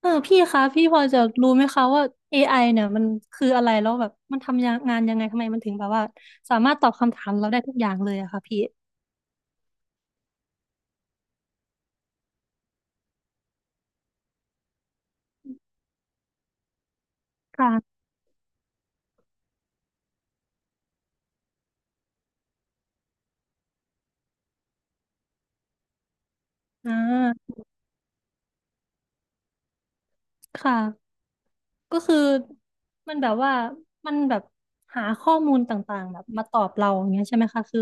เออพี่คะพี่พอจะรู้ไหมคะว่า AI เนี่ยมันคืออะไรแล้วแบบมันทำงงานยังไงทำไมมันถึงแบบว่าสามารถตอบคำถามเราได้ทุกอย่างเลยอะค่ะพี่ค่ะอ่าค่ะก็คือมันแบบว่ามันแบบหาข้อมูลต่างๆแบบมาตอบเราอย่างเงี้ยใช่ไหมคะคือ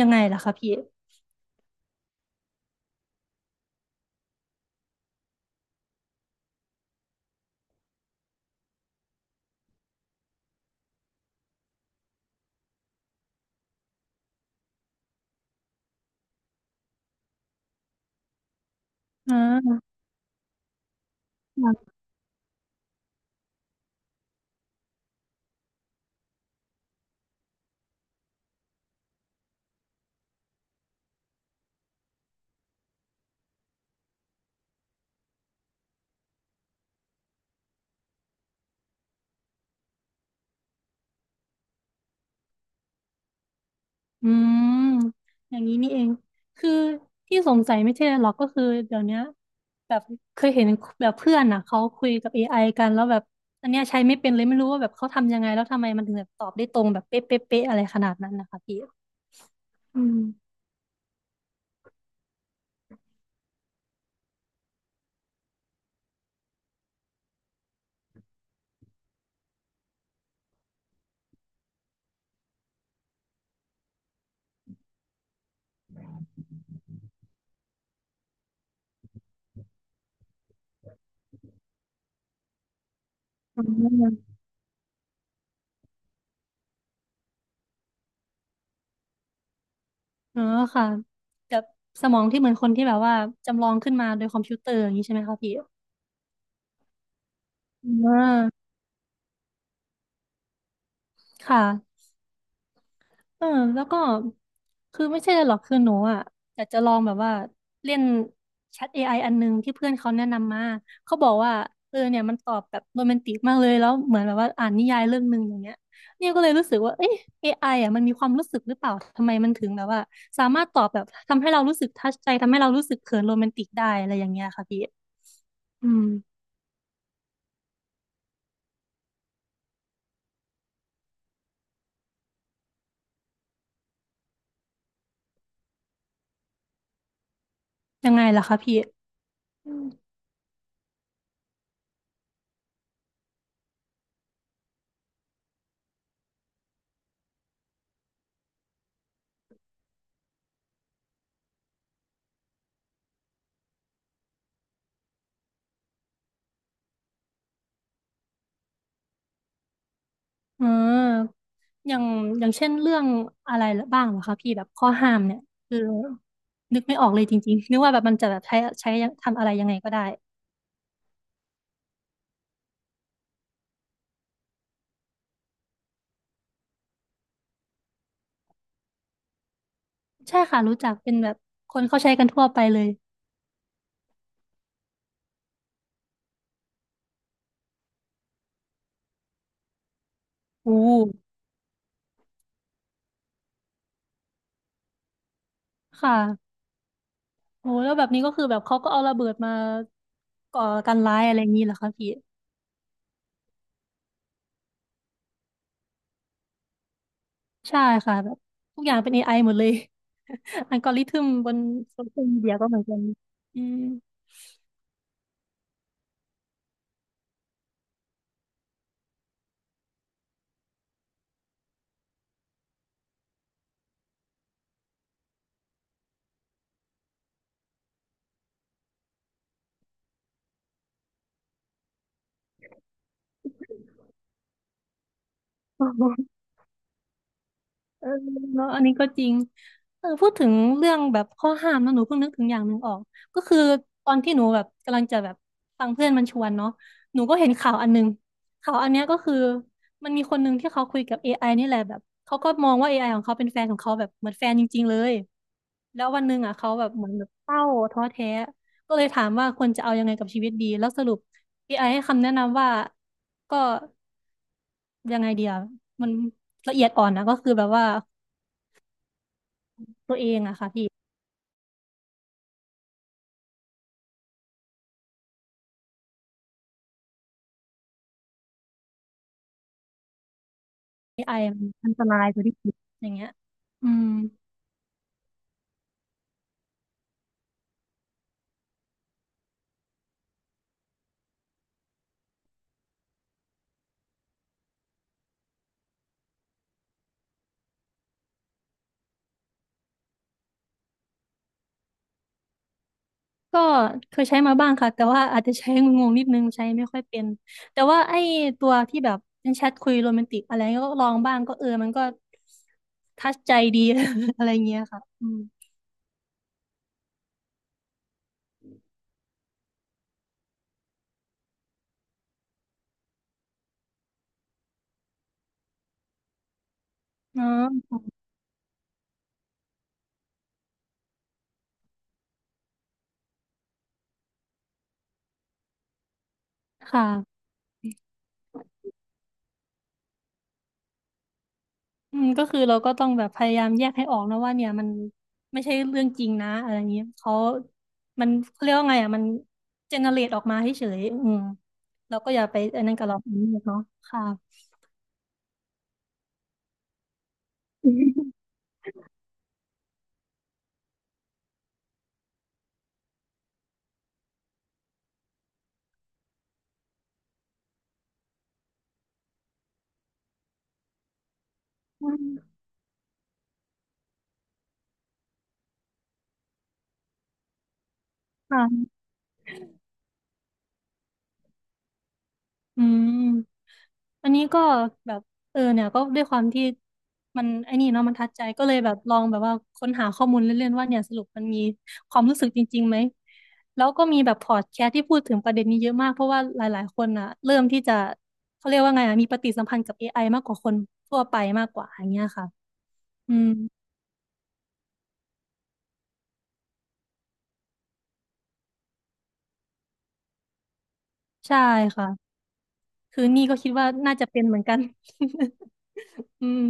ยังไงล่ะคะพี่อ่า อืมอย่างนี้นี่เองคือที่สงสัยไม่ใช่อะไรหรอกก็คือเดี๋ยวเนี้ยแบบเคยเห็นแบบเพื่อนอ่ะเขาคุยกับ AI กันแล้วแบบอันเนี้ยใช้ไม่เป็นเลยไม่รู้ว่าแบบเขาทำยังไงแล้วทำไมมันถึงแบบตอบได้ตรงแบบเป๊ะเป๊ะเป๊ะอะไรขนาดนั้นนะคะพี่อืมอืมอ๋อค่ะแบบสมองที่เหมือนคนที่แบบว่าจำลองขึ้นมาโดยคอมพิวเตอร์อย่างนี้ใช่ไหมคะพี่อ่าค่ะ เออแล้วก็คือไม่ใช่เลยหรอกคือหนูอ่ะอยากจะลองแบบว่าเล่นแชทเอไออันหนึงที่เพื่อนเขาแนะนำมาเขาบอกว่าเออเนี่ยมันตอบแบบโรแมนติกมากเลยแล้วเหมือนแบบว่าอ่านนิยายเรื่องหนึ่งอย่างเงี้ยเนี่ยก็เลยรู้สึกว่าเอ๊ะ อไออ่ะมันมีความรู้สึกหรือเปล่าทำไมมันถึงแบบว่าสามารถตอบแบบทำให้เรารู้สึกทัชใจทำให้เรารู้สึกเขินโรแมนติกได้อะไรอย่างเงี้ยค่ะพี่อืมยังไงล่ะคะพี่อืมเออ อย่างอย่างเช่นเรื่องอะไรบ้างเหรอคะพี่แบบข้อห้ามเนี่ยคือนึกไม่ออกเลยจริงๆนึกว่าแบบมันจะแบบใช้ทำอะไรยังไงก็ได้ใช่ค่ะรู้จักเป็นแบบคนเขาใช้กันทั่วไปเลยโอ้ค่ะโอ้แล้วแบบนี้ก็คือแบบเขาก็เอาระเบิดมาก่อการร้ายอะไรอย่างนี้เหรอคะพี่ใช่ค่ะแบบทุกอย่างเป็น AI หมดเลย อัลกอริทึมบนโซเชียลมีเดียก็เหมือนกันอืม เออเนาะอันนี้ก็จริงเออพูดถึงเรื่องแบบข้อห้ามนะหนูเพิ่งนึกถึงอย่างหนึ่งออกก็คือตอนที่หนูแบบกำลังจะแบบฟังเพื่อนมันชวนเนาะหนูก็เห็นข่าวอันหนึงข่าวอันเนี้ยก็คือมันมีคนหนึ่งที่เขาคุยกับ อไอนี่แหละแบบเขาก็มองว่า อไอของเขาเป็นแฟนของเขาแบบเหมือนแฟนจริงๆเลย แล้ววันหนึ่งอ่ะเขาแบบเหมือนแบบเศร้าท้อแท้ ก็เลยถามว่าควรจะเอายังไงกับชีวิตดี แล้วสรุปเอไอให้คำแนะนำว่าก็ยังไงเดียวมันละเอียดอ่อนนะก็คือแบบว่า ตัวเองอะค่ะพี่ AI มันอันตรายกว่าที่คิดอย่างเงี้ยอืมก็เคยใช้มาบ้างค่ะแต่ว่าอาจจะใช้งงๆนิดนึงใช้ไม่ค่อยเป็นแต่ว่าไอ้ตัวที่แบบเป็นแชทคุยโรแมนติกอะไรก็ลองบ้างก็เออมันก็ทัชใจดี อะไรเงี้ยค่ะอืมอ๋อค่ะ อืมก็คือเราก็ต้องแบบพยายามแยกให้ออกนะว่าเนี่ยมันไม่ใช่เรื่องจริงนะอะไรอย่างเงี้ยเขา มันเขาเรียกว่าไงอ่ะมันเจเนเรตออกมาให้เฉยอืมเราก็อย่าไปอันนั้นกับเราเนาะค่ะ อืมค่ะอืม อันนี้ก็แบบเออเนี่ยก็ด้วยความที่มันไอ้นี่เนาะมันทัดใจก็เลยแบบลองแบบว่าค้นหาข้อมูลเล่นๆว่าเนี่ยสรุปมันมีความรู้สึกจริงๆไหมแล้วก็มีแบบพอดแคสต์ที่พูดถึงประเด็นนี้เยอะมากเพราะว่าหลายๆคนอ่ะเริ่มที่จะเขาเรียกว่าไงอ่ะมีปฏิสัมพันธ์กับ AI มากกว่าคนทั่วไปมากกว่าอย่างเงี้ยค่ะอืมใช่ค่ะคือนี่ก็คิดว่าน่าจะเป็นเหมือนกัน อืม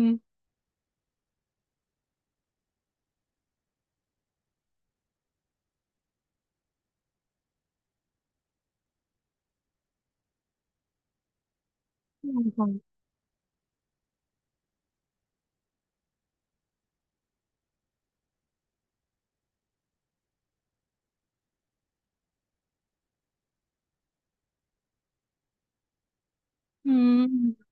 อืมค่ะอืม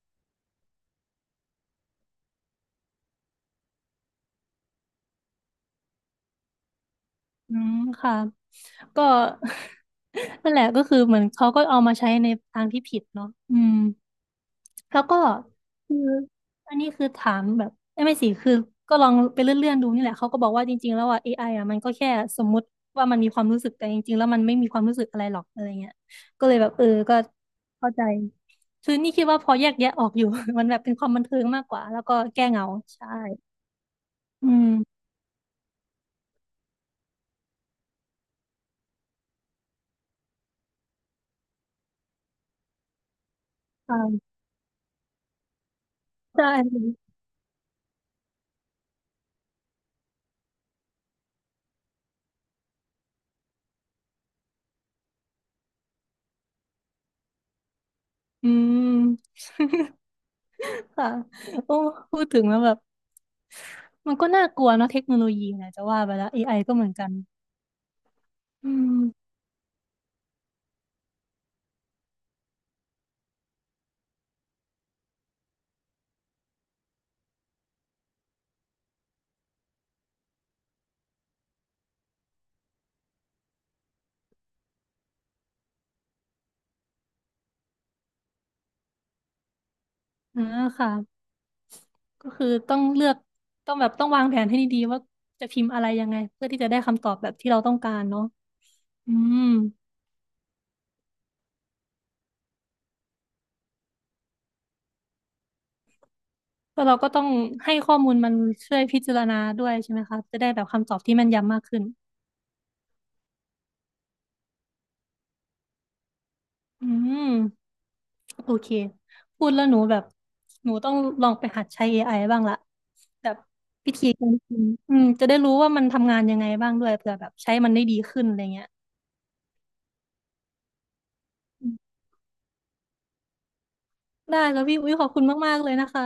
อืมค่ะก็ นั่นแหละก็คือเหมือนเขาก็เอามาใช้ในทางที่ผิดเนาะอืมแล้วก็คืออันนี้คือถามแบบเอ้ยไม่สิคือก็ลองไปเลื่อนๆดูนี่แหละเขาก็บอกว่าจริงๆแล้วอ่ะ AI อไออ่ะมันก็แค่สมมุติว่ามันมีความรู้สึกแต่จริงๆแล้วมันไม่มีความรู้สึกอะไรหรอกอะไรเงี้ยก็เลยแบบเออก็เข้าใจคือนี่คิดว่าพอแยกแยะออกอยู่ มันแบบเป็นความบันเทิงมากกว่าแล้วก็แก้เหงาใช่อืมค่ะใช่อืม ค่ะโอ้พูดถึงแล้วแบบมันก็น่ากลัวเนาะเทคโนโลยีนะจะว่าไปแล้ว AI ก็เหมือนกันอืมอ่าค่ะก็คือต้องเลือกต้องวางแผนให้ดีๆว่าจะพิมพ์อะไรยังไงเพื่อที่จะได้คำตอบแบบที่เราต้องการเนาะอืมแล้วเราก็ต้องให้ข้อมูลมันช่วยพิจารณาด้วยใช่ไหมคะจะได้แบบคำตอบที่แม่นยำมากขึ้นอืมโอเคพูดแล้วหนูแบบหนูต้องลองไปหัดใช้ AI บ้างละแบบ อืมอืมจะได้รู้ว่ามันทำงานยังไงบ้างด้วยเผื่อแบบใช้มันได้ดีขึ้นอะไรเงี้ยอืมได้แล้วพี่อุ้ยขอบคุณมากๆเลยนะคะ